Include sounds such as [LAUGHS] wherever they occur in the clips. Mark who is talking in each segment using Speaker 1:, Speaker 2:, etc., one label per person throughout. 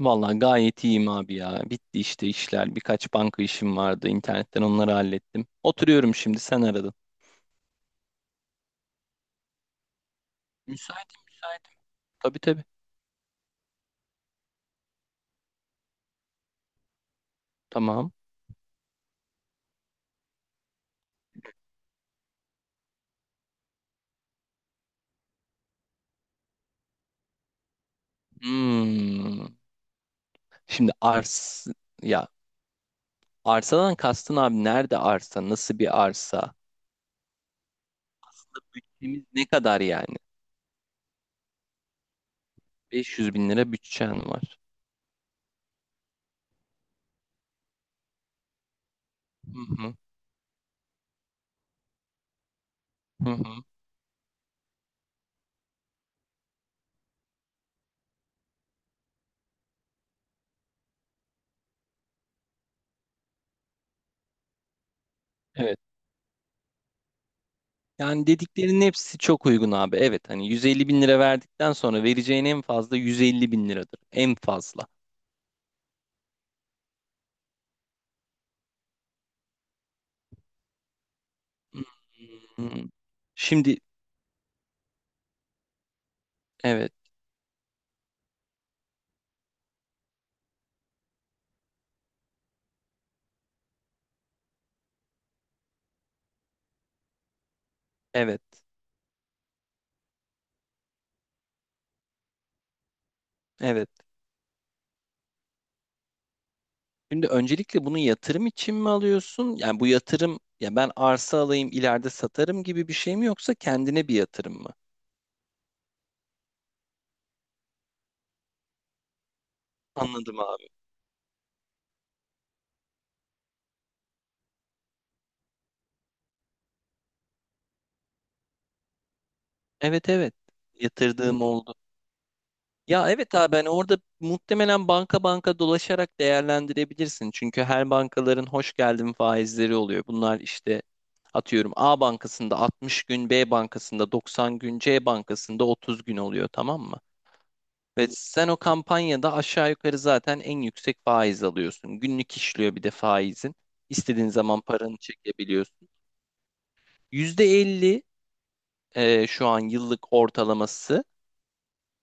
Speaker 1: Vallahi gayet iyiyim abi ya. Bitti işte işler. Birkaç banka işim vardı. İnternetten onları hallettim. Oturuyorum şimdi sen aradın. Müsaitim, müsaitim. Tabii tabii. Tamam. Hmm. Şimdi ya arsadan kastın abi, nerede arsa? Nasıl bir arsa? Bütçemiz ne kadar yani? 500 bin lira bütçen var. Hı hı. Hı hı. Evet. Yani dediklerinin hepsi çok uygun abi. Evet hani 150 bin lira verdikten sonra vereceğin en fazla 150 bin liradır. En fazla. Hmm. Şimdi evet, evet, evet. Şimdi öncelikle bunu yatırım için mi alıyorsun? Yani bu yatırım ya ben arsa alayım ileride satarım gibi bir şey mi, yoksa kendine bir yatırım mı? Anladım abi. Evet evet. Yatırdığım oldu. Ya evet abi, ben orada muhtemelen banka banka dolaşarak değerlendirebilirsin. Çünkü her bankaların hoş geldin faizleri oluyor. Bunlar işte atıyorum A bankasında 60 gün, B bankasında 90 gün, C bankasında 30 gün oluyor, tamam mı? Ve sen o kampanyada aşağı yukarı zaten en yüksek faiz alıyorsun. Günlük işliyor bir de faizin. İstediğin zaman paranı çekebiliyorsun. %50. Şu an yıllık ortalaması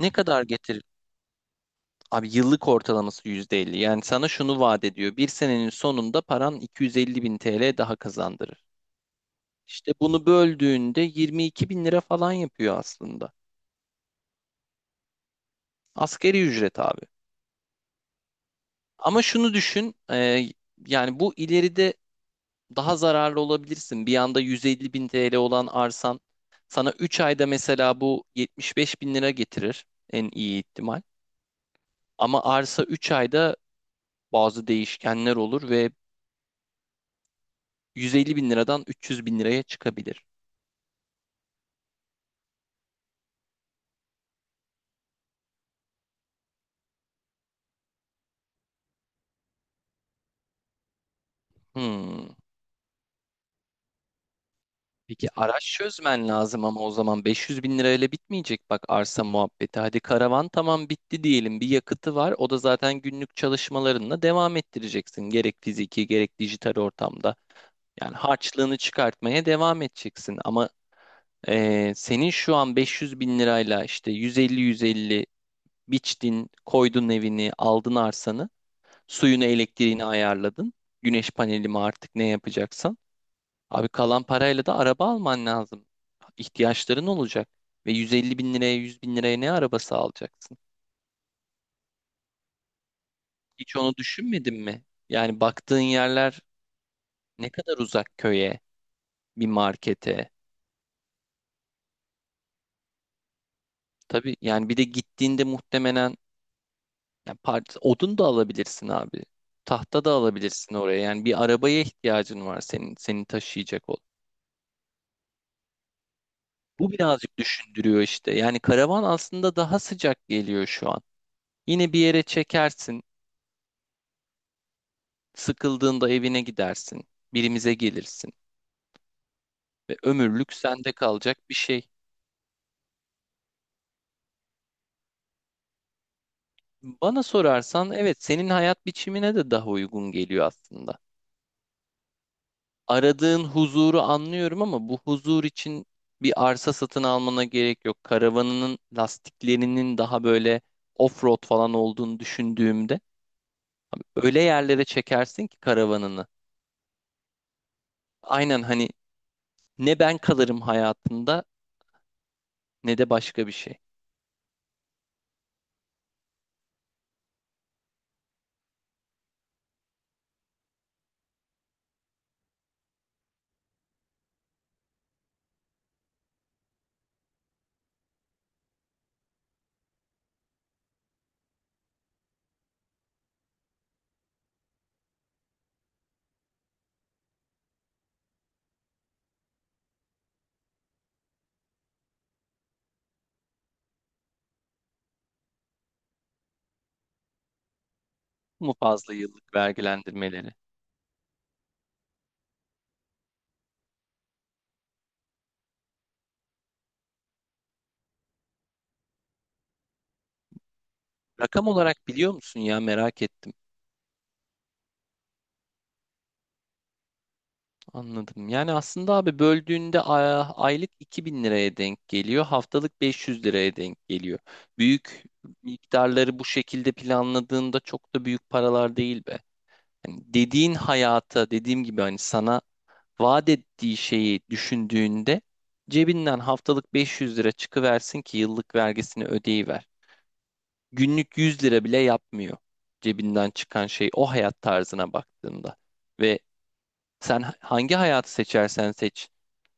Speaker 1: ne kadar getirir? Abi yıllık ortalaması %50. Yani sana şunu vaat ediyor. Bir senenin sonunda paran 250 bin TL daha kazandırır. İşte bunu böldüğünde 22 bin lira falan yapıyor aslında. Asgari ücret abi. Ama şunu düşün. Yani bu ileride daha zararlı olabilirsin. Bir anda 150 bin TL olan arsan sana 3 ayda mesela bu 75 bin lira getirir, en iyi ihtimal. Ama arsa 3 ayda bazı değişkenler olur ve 150 bin liradan 300 bin liraya çıkabilir. Hmm. Peki araç çözmen lazım ama, o zaman 500 bin lirayla bitmeyecek bak arsa muhabbeti. Hadi karavan tamam bitti diyelim, bir yakıtı var. O da zaten günlük çalışmalarınla devam ettireceksin. Gerek fiziki gerek dijital ortamda. Yani harçlığını çıkartmaya devam edeceksin ama senin şu an 500 bin lirayla işte 150-150 biçtin, koydun evini, aldın arsanı, suyunu, elektriğini ayarladın. Güneş paneli mi artık ne yapacaksan. Abi kalan parayla da araba alman lazım. İhtiyaçların olacak. Ve 150 bin liraya, 100 bin liraya ne arabası alacaksın? Hiç onu düşünmedin mi? Yani baktığın yerler ne kadar uzak köye, bir markete. Tabii yani, bir de gittiğinde muhtemelen odun da alabilirsin abi. Tahta da alabilirsin oraya. Yani bir arabaya ihtiyacın var senin, seni taşıyacak ol. Bu birazcık düşündürüyor işte. Yani karavan aslında daha sıcak geliyor şu an. Yine bir yere çekersin, sıkıldığında evine gidersin, birimize gelirsin ve ömürlük sende kalacak bir şey. Bana sorarsan evet, senin hayat biçimine de daha uygun geliyor aslında. Aradığın huzuru anlıyorum ama bu huzur için bir arsa satın almana gerek yok. Karavanının lastiklerinin daha böyle off-road falan olduğunu düşündüğümde, öyle yerlere çekersin ki karavanını. Aynen hani, ne ben kalırım hayatında ne de başka bir şey. Bu mu fazla yıllık vergilendirmeleri? Rakam olarak biliyor musun, ya merak ettim. Anladım. Yani aslında abi böldüğünde aylık 2.000 liraya denk geliyor. Haftalık 500 liraya denk geliyor. Büyük miktarları bu şekilde planladığında çok da büyük paralar değil be. Yani dediğin hayata, dediğim gibi hani sana vaat ettiği şeyi düşündüğünde, cebinden haftalık 500 lira çıkıversin ki yıllık vergisini ödeyiver. Günlük 100 lira bile yapmıyor cebinden çıkan şey, o hayat tarzına baktığında. Ve sen hangi hayatı seçersen seç,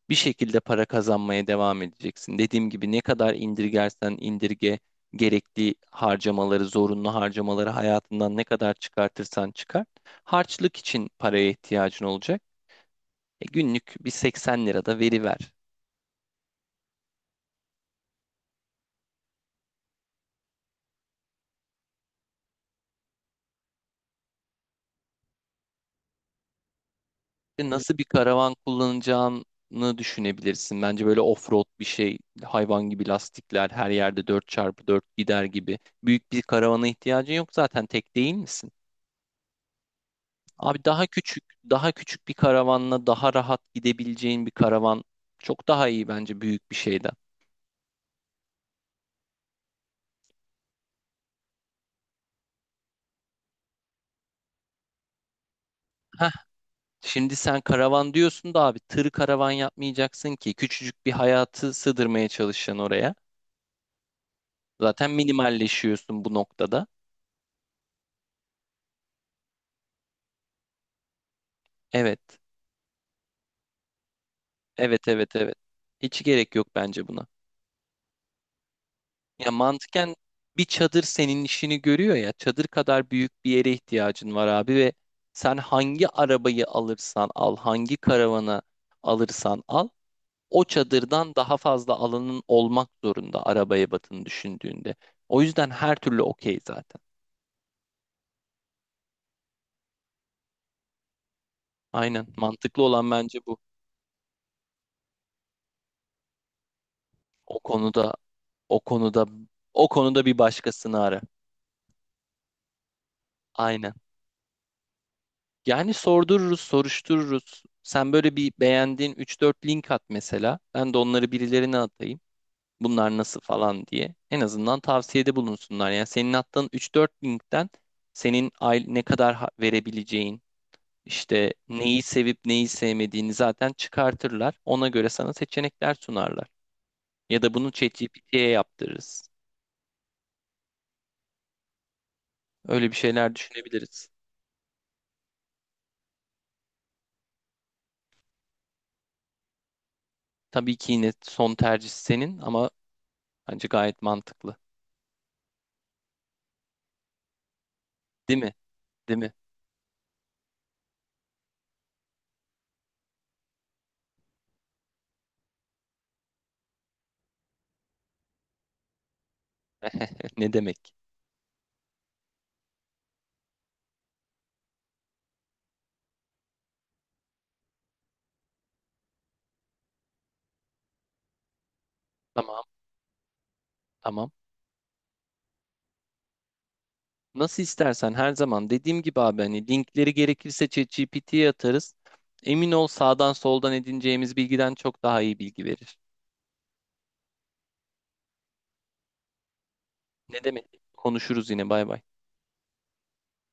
Speaker 1: bir şekilde para kazanmaya devam edeceksin. Dediğim gibi ne kadar indirgersen indirge gerekli harcamaları, zorunlu harcamaları hayatından ne kadar çıkartırsan çıkart, harçlık için paraya ihtiyacın olacak. Günlük bir 80 lira da veriver. Nasıl bir karavan kullanacağını düşünebilirsin. Bence böyle off-road bir şey, hayvan gibi lastikler, her yerde dört çarpı dört gider gibi. Büyük bir karavana ihtiyacın yok, zaten tek değil misin? Abi daha küçük, daha küçük bir karavanla daha rahat gidebileceğin bir karavan çok daha iyi bence, büyük bir şeyden. Heh, şimdi sen karavan diyorsun da abi, tır karavan yapmayacaksın ki, küçücük bir hayatı sığdırmaya çalışacaksın oraya. Zaten minimalleşiyorsun bu noktada. Evet, evet, evet, evet. Hiç gerek yok bence buna. Ya mantıken bir çadır senin işini görüyor ya. Çadır kadar büyük bir yere ihtiyacın var abi ve sen hangi arabayı alırsan al, hangi karavana alırsan al, o çadırdan daha fazla alanın olmak zorunda araba ebatını düşündüğünde. O yüzden her türlü okey zaten. Aynen, mantıklı olan bence bu. O konuda o konuda o konuda bir başkasını ara. Aynen. Yani sordururuz, soruştururuz. Sen böyle bir beğendiğin üç dört link at mesela. Ben de onları birilerine atayım. Bunlar nasıl falan diye. En azından tavsiyede bulunsunlar. Yani senin attığın üç dört linkten, senin aile ne kadar verebileceğin, işte neyi sevip neyi sevmediğini zaten çıkartırlar. Ona göre sana seçenekler sunarlar. Ya da bunu ChatGPT'ye yaptırırız. Öyle bir şeyler düşünebiliriz. Tabii ki yine son tercih senin ama bence gayet mantıklı. Değil mi? Değil mi? [LAUGHS] Ne demek? Tamam, tamam. Nasıl istersen, her zaman dediğim gibi abi, hani linkleri gerekirse ChatGPT'ye atarız. Emin ol, sağdan soldan edineceğimiz bilgiden çok daha iyi bilgi verir. Ne demek? Konuşuruz yine, bay bay.